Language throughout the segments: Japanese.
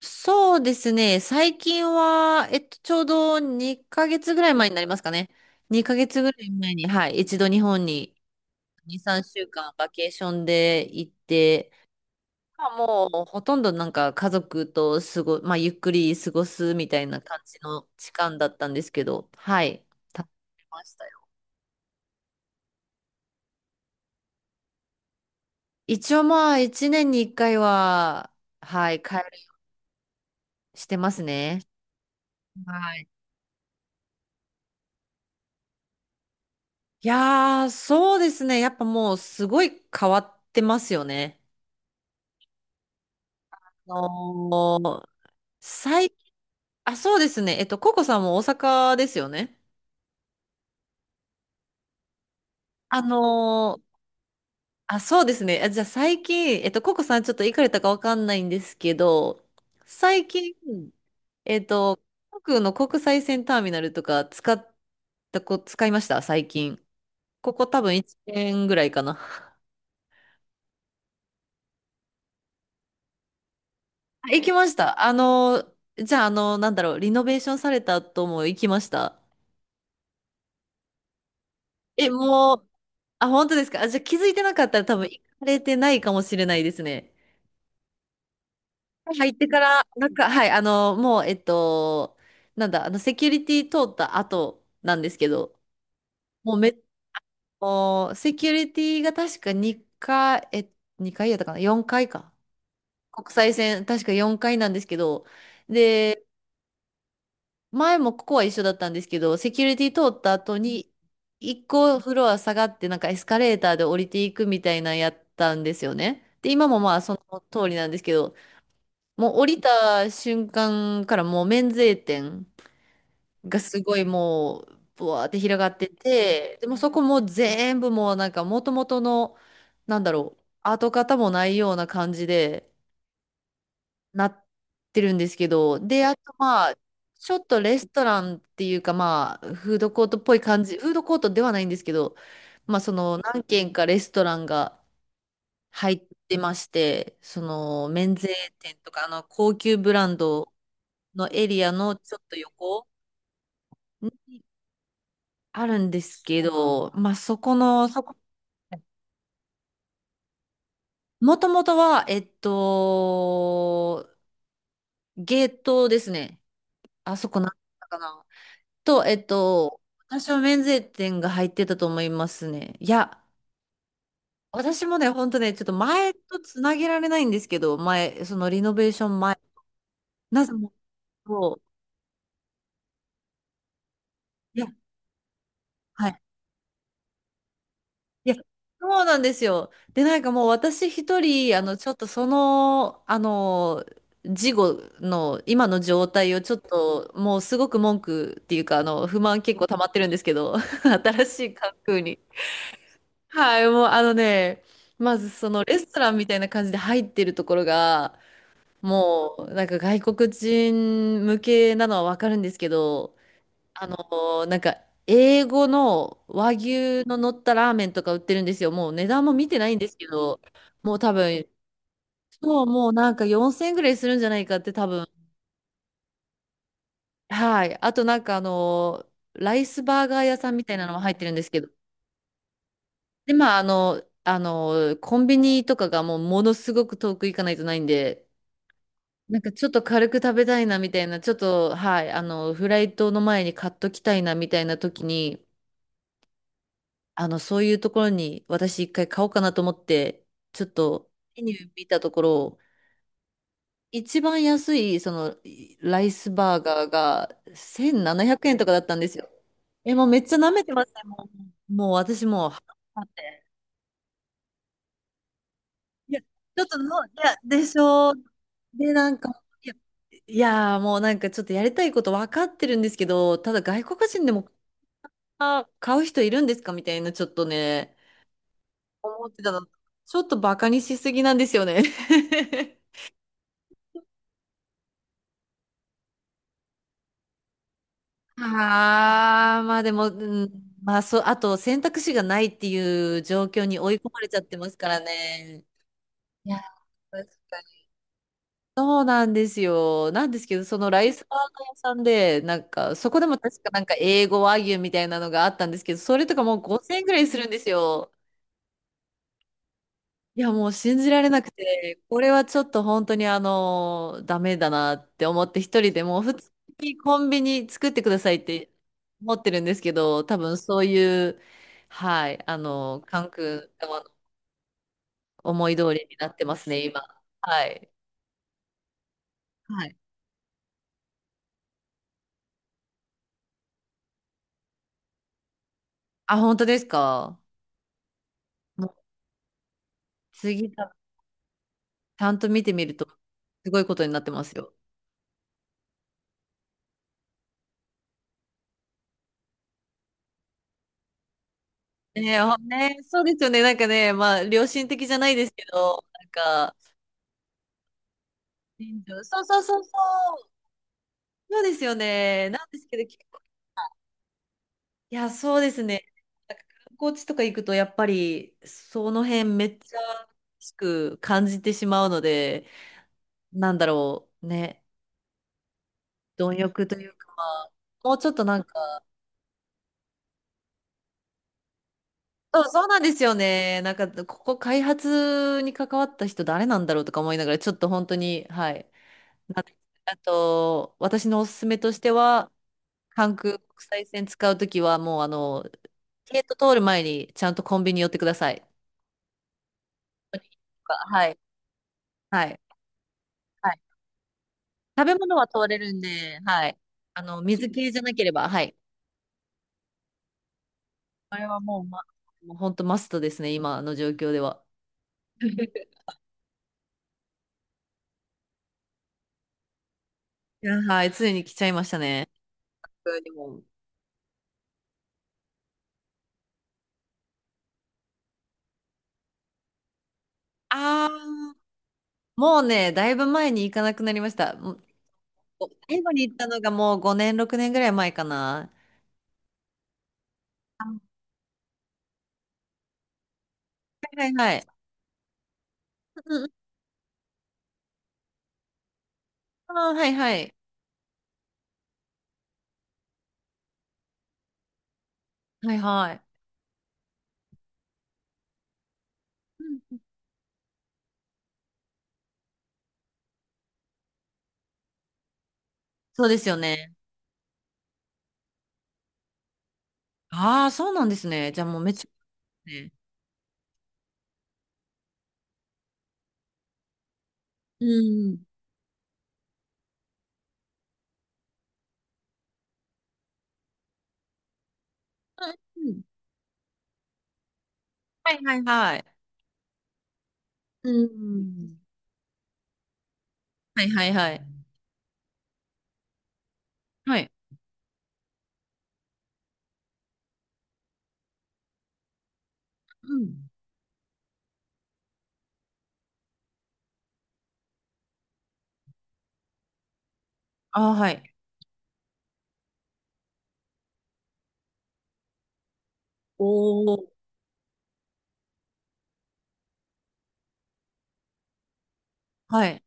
そうですね。最近は、ちょうど2ヶ月ぐらい前になりますかね。2ヶ月ぐらい前に、はい、一度日本に2、3週間バケーションで行って、もうほとんど家族と過ご、まあ、ゆっくり過ごすみたいな感じの時間だったんですけど、はい、楽しめましたよ。一応まあ、1年に1回は、はい、帰るしてますね。はい。いやー、そうですね。やっぱもうすごい変わってますよね。あのー最、あ、そうですね。ココさんも大阪ですよね。あのーあ、そうですね。あ、じゃあ最近、ココさんちょっと行かれたかわかんないんですけど、最近、えっと、航空の国際線ターミナルとか使いました最近？ここ多分1年ぐらいかな。あ、行きました。あの、じゃあ、あの、なんだろう、リノベーションされた後も行きました。え、もう、あ、本当ですか？あ、じゃあ気づいてなかったら多分行かれてないかもしれないですね。入ってから、なんか、はい、あの、もう、えっと、なんだ、あの、セキュリティ通った後なんですけど、もうめ、もう、セキュリティが確か2回、え、2回やったかな？ 4 回か。国際線、確か4回なんですけど、で、前もここは一緒だったんですけど、セキュリティ通った後に、一個フロア下がって、なんかエスカレーターで降りていくみたいなのやったんですよね。で、今もまあその通りなんですけど、もう降りた瞬間からもう免税店がすごいもう、ブワーって広がってて、でもそこもう全部もうなんか元々の、なんだろう、跡形もないような感じで、なってるんですけど、で、あとまあ、ちょっとレストランっていうかまあ、フードコートっぽい感じ、フードコートではないんですけど、まあその何軒かレストランが入ってまして、その免税店とかあの高級ブランドのエリアのちょっと横にあるんですけど、まあそこの、そこ、もともとは、ゲートですね。あそこなんだったかな。と、えっと、私は免税店が入ってたと思いますね。いや、私もね、ほんとね、ちょっと前とつなげられないんですけど、前、そのリノベーション前、なぜも、そういや、はい。いや、そうなんですよ。で、なんかもう私一人、あの、ちょっとその、あの、事後の今の状態をちょっと、もうすごく文句っていうか、あの、不満結構溜まってるんですけど、新しい環境に。はい、もうあのね、まずそのレストランみたいな感じで入ってるところが、もうなんか外国人向けなのはわかるんですけど、あの、なんか英語の和牛の乗ったラーメンとか売ってるんですよ。もう値段も見てないんですけど、もう多分、そう、もうなんか4000円ぐらいするんじゃないかって多分。はい。あとなんかあの、ライスバーガー屋さんみたいなのも入ってるんですけど、で、コンビニとかがもうものすごく遠く行かないとないんで、なんかちょっと軽く食べたいなみたいな、ちょっと、はい、あの、フライトの前に買っときたいなみたいな時に、あの、そういうところに私一回買おうかなと思って、ちょっとメニュー見たところ、一番安い、その、ライスバーガーが1700円とかだったんですよ。え、もうめっちゃ舐めてますね。もう、もう私もう、はっっていや、ちょっとの、いや、でしょう。で、なんか、いや、いやもうなんかちょっとやりたいこと分かってるんですけど、ただ外国人でもあ買う人いるんですかみたいな、ちょっとね、思ってたの。ちょっとバカにしすぎなんですよね。でも、うん、まあそう、あと選択肢がないっていう状況に追い込まれちゃってますからね。いや、確かにそうなんですよ。なんですけど、そのライスバーガー屋さんで、なんか、そこでも確かなんか英語和牛みたいなのがあったんですけど、それとかもう5000円ぐらいするんですよ。いや、もう信じられなくて、これはちょっと本当にあの、ダメだなって思って、一人でもう普通にコンビニ作ってくださいって思ってるんですけど、多分そういう、はい、あの、関空側の思い通りになってますね、今。はい。はい。あ、本当ですか？もう次食ちゃんと見てみると、すごいことになってますよ。ねえ、ほねえ、そうですよね。なんかね、まあ、良心的じゃないですけど、なんか、人情、そうそうそうそう、そうですよね。なんですけど、結構、いや、そうですね。なんか観光地とか行くと、やっぱり、その辺めっちゃ、しく感じてしまうので、なんだろう、ね、貪欲というか、まあ、もうちょっとなんか、そう、そうなんですよね。なんか、ここ開発に関わった人誰なんだろうとか思いながら、ちょっと本当に、はい。あと、私のおすすめとしては、関空国際線使うときは、もう、あの、ゲート通る前に、ちゃんとコンビニ寄ってください。はい。はい。はい。食べ物は通れるんで、はい。あの、水系じゃなければ、はい。これはもう、ま、もう本当マストですね、今の状況では。いや、はい。ついに来ちゃいましたね。空にも。ああ。もうね、だいぶ前に行かなくなりました。もう最後に行ったのがもう5年、6年ぐらい前かな。はいはいはい。うんうん、ああ、はいはい。はいはい。うん、そうですよね。ああ、そうなんですね。じゃあもうめっちゃ、ね。うん。うんうん、はいはいはい。うん。はいはいはい。はい。うん。ああ、はい。おお。はい。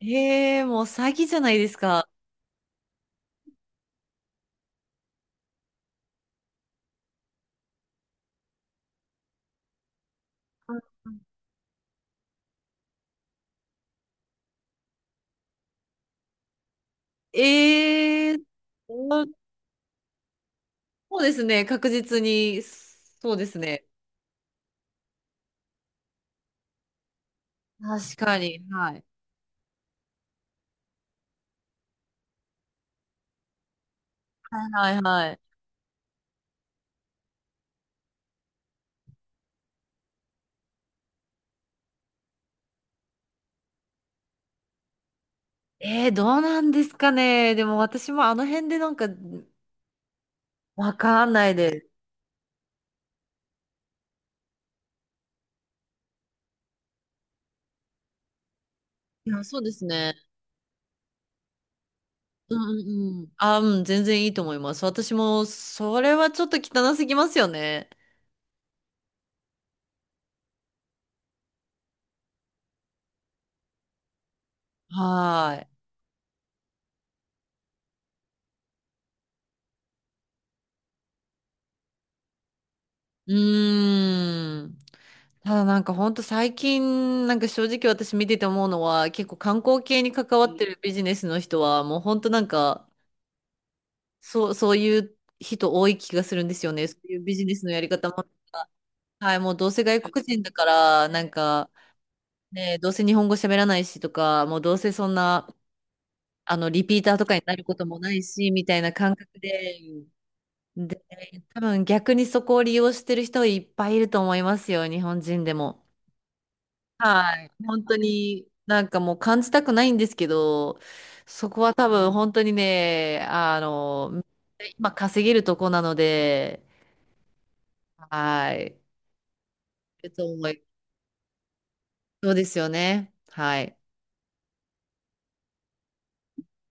ええ、もう詐欺じゃないですか。ええ、そうですね。確実に、そうですね。確かに。はい。はいはいはい。えー、どうなんですかね。でも私もあの辺でなんか、わかんないです。いや、そうですね。うんうんうん。あ、うん、全然いいと思います。私も、それはちょっと汚すぎますよね。はーい。うーん。ただなんかほんと最近、なんか正直私見てて思うのは、結構観光系に関わってるビジネスの人は、もうほんとなんか、そう、そういう人多い気がするんですよね。そういうビジネスのやり方も、はい、もうどうせ外国人だから、なんか、ね、どうせ日本語喋らないしとか、もうどうせそんな、あの、リピーターとかになることもないし、みたいな感覚で、で、多分逆にそこを利用してる人いっぱいいると思いますよ、日本人でも。はい。本当になんかもう感じたくないんですけど、そこは多分本当にね、あの、今稼げるとこなので、はい。いると思いそうですよね。はい。